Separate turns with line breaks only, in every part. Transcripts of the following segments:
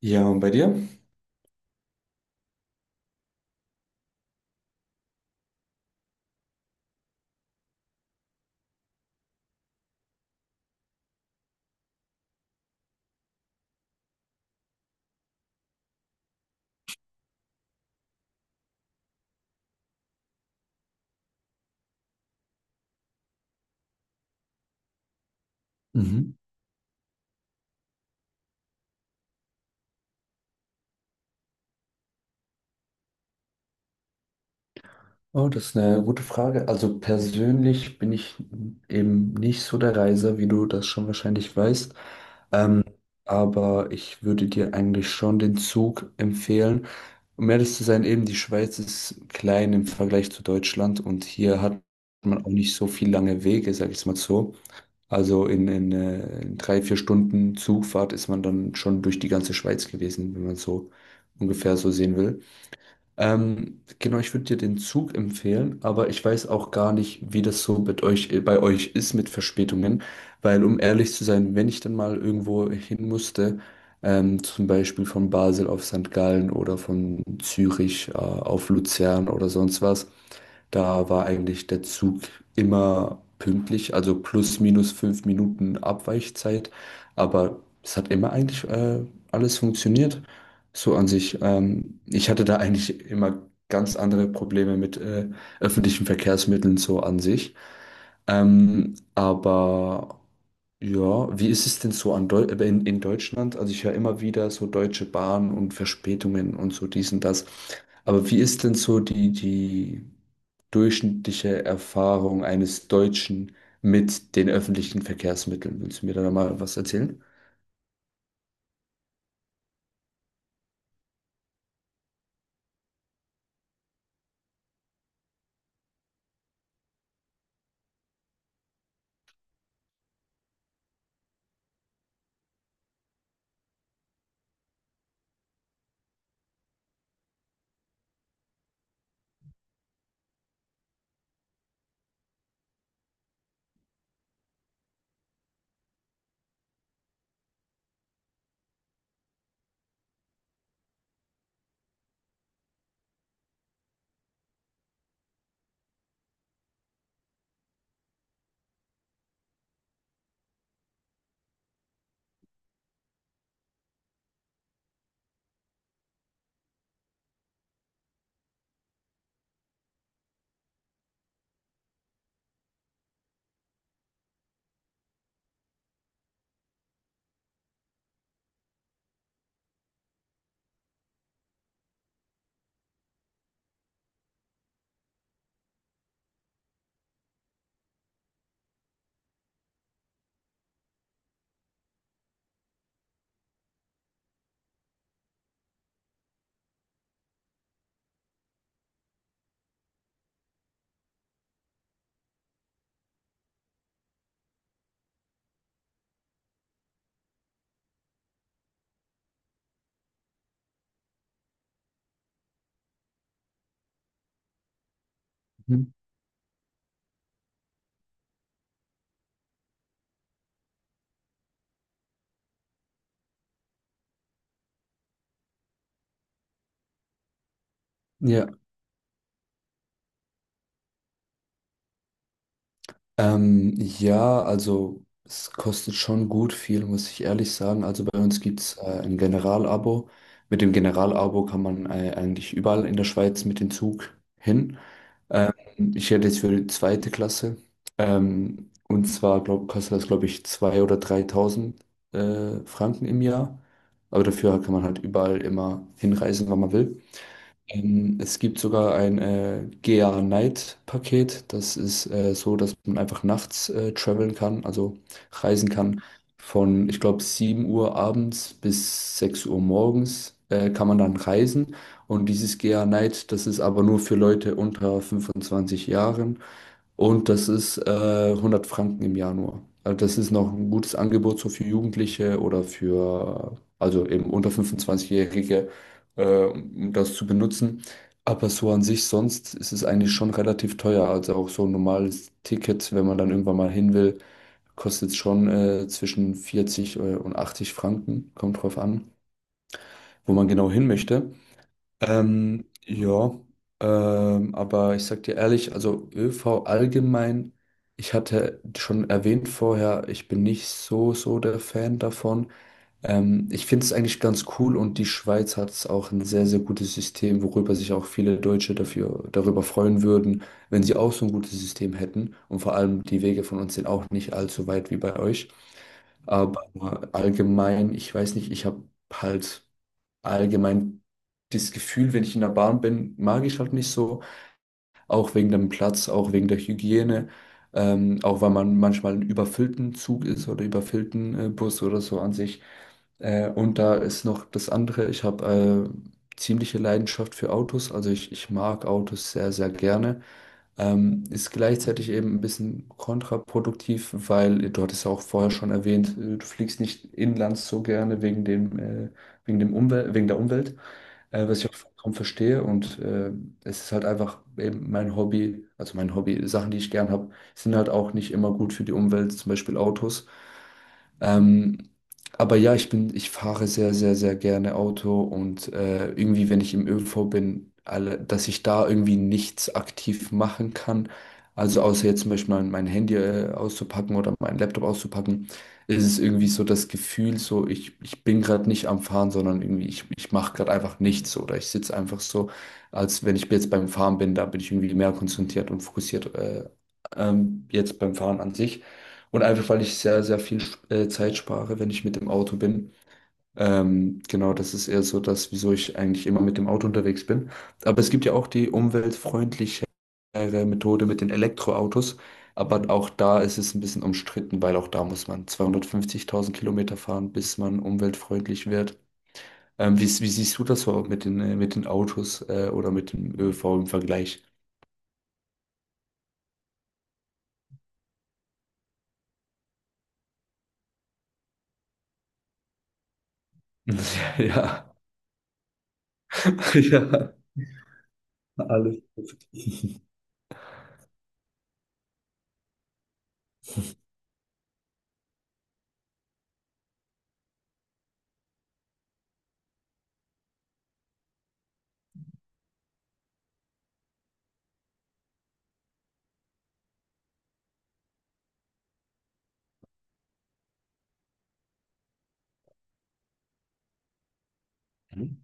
Ja, und bei dir? Mhm. Oh, das ist eine gute Frage. Also persönlich bin ich eben nicht so der Reiser, wie du das schon wahrscheinlich weißt. Ähm, aber ich würde dir eigentlich schon den Zug empfehlen. Um ehrlich zu sein, eben die Schweiz ist klein im Vergleich zu Deutschland und hier hat man auch nicht so viel lange Wege, sag ich es mal so. Also in 3, 4 Stunden Zugfahrt ist man dann schon durch die ganze Schweiz gewesen, wenn man so ungefähr so sehen will. Genau, ich würde dir den Zug empfehlen, aber ich weiß auch gar nicht, wie das so bei euch ist mit Verspätungen, weil um ehrlich zu sein, wenn ich dann mal irgendwo hin musste, zum Beispiel von Basel auf St. Gallen oder von Zürich, auf Luzern oder sonst was, da war eigentlich der Zug immer pünktlich, also plus minus 5 Minuten Abweichzeit. Aber es hat immer eigentlich alles funktioniert. So an sich. Ich hatte da eigentlich immer ganz andere Probleme mit öffentlichen Verkehrsmitteln so an sich. Aber ja, wie ist es denn so in Deutschland? Also ich höre immer wieder so Deutsche Bahn und Verspätungen und so dies und das. Aber wie ist denn so die durchschnittliche Erfahrung eines Deutschen mit den öffentlichen Verkehrsmitteln? Willst du mir da mal was erzählen? Mhm. Ja. Ja, also es kostet schon gut viel, muss ich ehrlich sagen. Also bei uns gibt es ein Generalabo. Mit dem Generalabo kann man eigentlich überall in der Schweiz mit dem Zug hin. Ähm, ich hätte jetzt für die zweite Klasse. Und zwar glaub, kostet das, glaube ich, 2.000 oder 3.000 Franken im Jahr. Aber dafür kann man halt überall immer hinreisen, wann man will. Es gibt sogar ein GA Night Paket. Das ist so, dass man einfach nachts traveln kann, also reisen kann. Von, ich glaube, 7 Uhr abends bis 6 Uhr morgens kann man dann reisen. Und dieses GA Night, das ist aber nur für Leute unter 25 Jahren. Und das ist 100 Franken im Jahr nur. Also das ist noch ein gutes Angebot so für Jugendliche oder für, also eben unter 25-Jährige, um das zu benutzen. Aber so an sich sonst ist es eigentlich schon relativ teuer. Also auch so ein normales Ticket, wenn man dann irgendwann mal hin will, kostet schon zwischen 40 und 80 Franken, kommt drauf an, wo man genau hin möchte. Ja, aber ich sag dir ehrlich, also ÖV allgemein, ich hatte schon erwähnt vorher, ich bin nicht so der Fan davon. Ich finde es eigentlich ganz cool und die Schweiz hat auch ein sehr, sehr gutes System, worüber sich auch viele Deutsche dafür, darüber freuen würden, wenn sie auch so ein gutes System hätten. Und vor allem die Wege von uns sind auch nicht allzu weit wie bei euch. Aber allgemein, ich weiß nicht, ich habe halt allgemein das Gefühl, wenn ich in der Bahn bin, mag ich halt nicht so. Auch wegen dem Platz, auch wegen der Hygiene, auch weil man manchmal einen überfüllten Zug ist oder überfüllten Bus oder so an sich. Und da ist noch das andere, ich habe ziemliche Leidenschaft für Autos, also ich mag Autos sehr, sehr gerne. Ist gleichzeitig eben ein bisschen kontraproduktiv, weil du hattest ja auch vorher schon erwähnt, du fliegst nicht inlands so gerne äh, wegen der Umwelt was ich auch vollkommen verstehe. Und es ist halt einfach eben mein Hobby, also mein Hobby, Sachen, die ich gern habe, sind halt auch nicht immer gut für die Umwelt, zum Beispiel Autos. Ähm, aber ja, ich fahre sehr, sehr, sehr gerne Auto und irgendwie, wenn ich im ÖV bin, alle, dass ich da irgendwie nichts aktiv machen kann. Also außer jetzt zum Beispiel mein Handy auszupacken oder meinen Laptop auszupacken, ist es irgendwie so das Gefühl, so ich bin gerade nicht am Fahren, sondern irgendwie ich mache gerade einfach nichts oder ich sitze einfach so, als wenn ich jetzt beim Fahren bin, da bin ich irgendwie mehr konzentriert und fokussiert jetzt beim Fahren an sich. Und einfach, weil ich sehr, sehr viel Zeit spare, wenn ich mit dem Auto bin. Genau, das ist eher so das, wieso ich eigentlich immer mit dem Auto unterwegs bin. Aber es gibt ja auch die umweltfreundlichere Methode mit den Elektroautos. Aber auch da ist es ein bisschen umstritten, weil auch da muss man 250.000 Kilometer fahren, bis man umweltfreundlich wird. Wie siehst du das so mit den Autos oder mit dem ÖV im Vergleich? Ja, ja, alles. Mhm.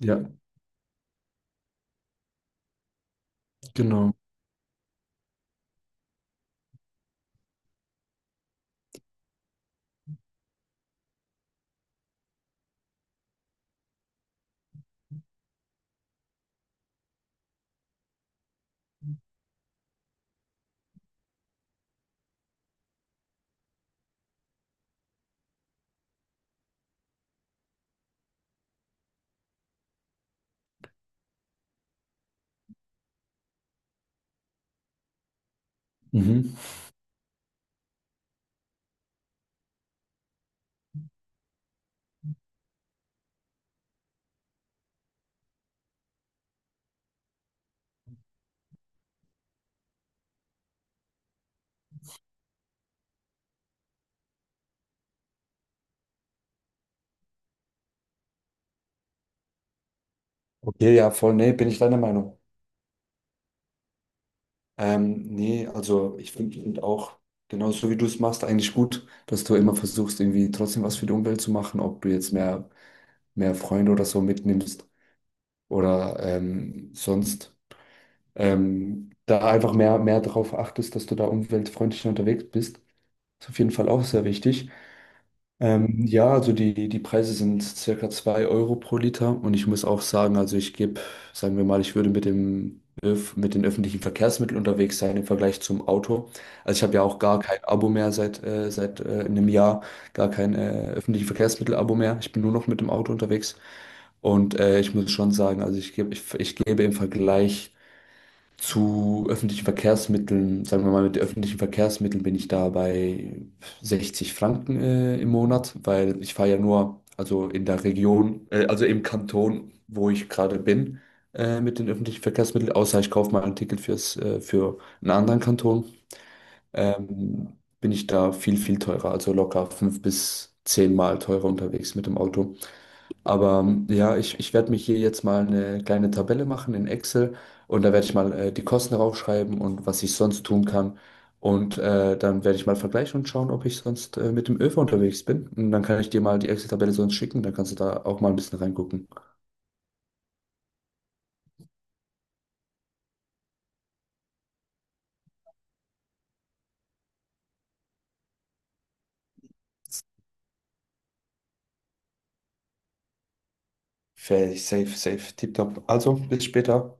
Ja, genau. Mhm. Okay, ja, voll, nee, bin ich deiner Meinung. Nee, also ich finde find find auch, genauso wie du es machst, eigentlich gut, dass du immer versuchst, irgendwie trotzdem was für die Umwelt zu machen, ob du jetzt mehr, mehr Freunde oder so mitnimmst oder sonst da einfach mehr, mehr darauf achtest, dass du da umweltfreundlich unterwegs bist. Ist auf jeden Fall auch sehr wichtig. Ja, also die Preise sind circa 2 Euro pro Liter und ich muss auch sagen, also ich gebe, sagen wir mal, ich würde mit den öffentlichen Verkehrsmitteln unterwegs sein im Vergleich zum Auto. Also ich habe ja auch gar kein Abo mehr seit einem Jahr, gar kein öffentliches Verkehrsmittel-Abo mehr. Ich bin nur noch mit dem Auto unterwegs und ich muss schon sagen, also ich gebe im Vergleich zu öffentlichen Verkehrsmitteln, sagen wir mal, mit öffentlichen Verkehrsmitteln bin ich da bei 60 Franken im Monat, weil ich fahre ja nur, also in der Region, also im Kanton, wo ich gerade bin, mit den öffentlichen Verkehrsmitteln, außer ich kaufe mal ein Ticket für einen anderen Kanton, ähm, bin ich da viel, viel teurer, also locker 5 bis 10 Mal teurer unterwegs mit dem Auto. Aber ja, ich werde mich hier jetzt mal eine kleine Tabelle machen in Excel und da werde ich mal die Kosten draufschreiben und was ich sonst tun kann. Und dann werde ich mal vergleichen und schauen, ob ich sonst mit dem ÖV unterwegs bin. Und dann kann ich dir mal die Excel-Tabelle sonst schicken, dann kannst du da auch mal ein bisschen reingucken. Safe, safe, safe, tipptopp. Also, bis später.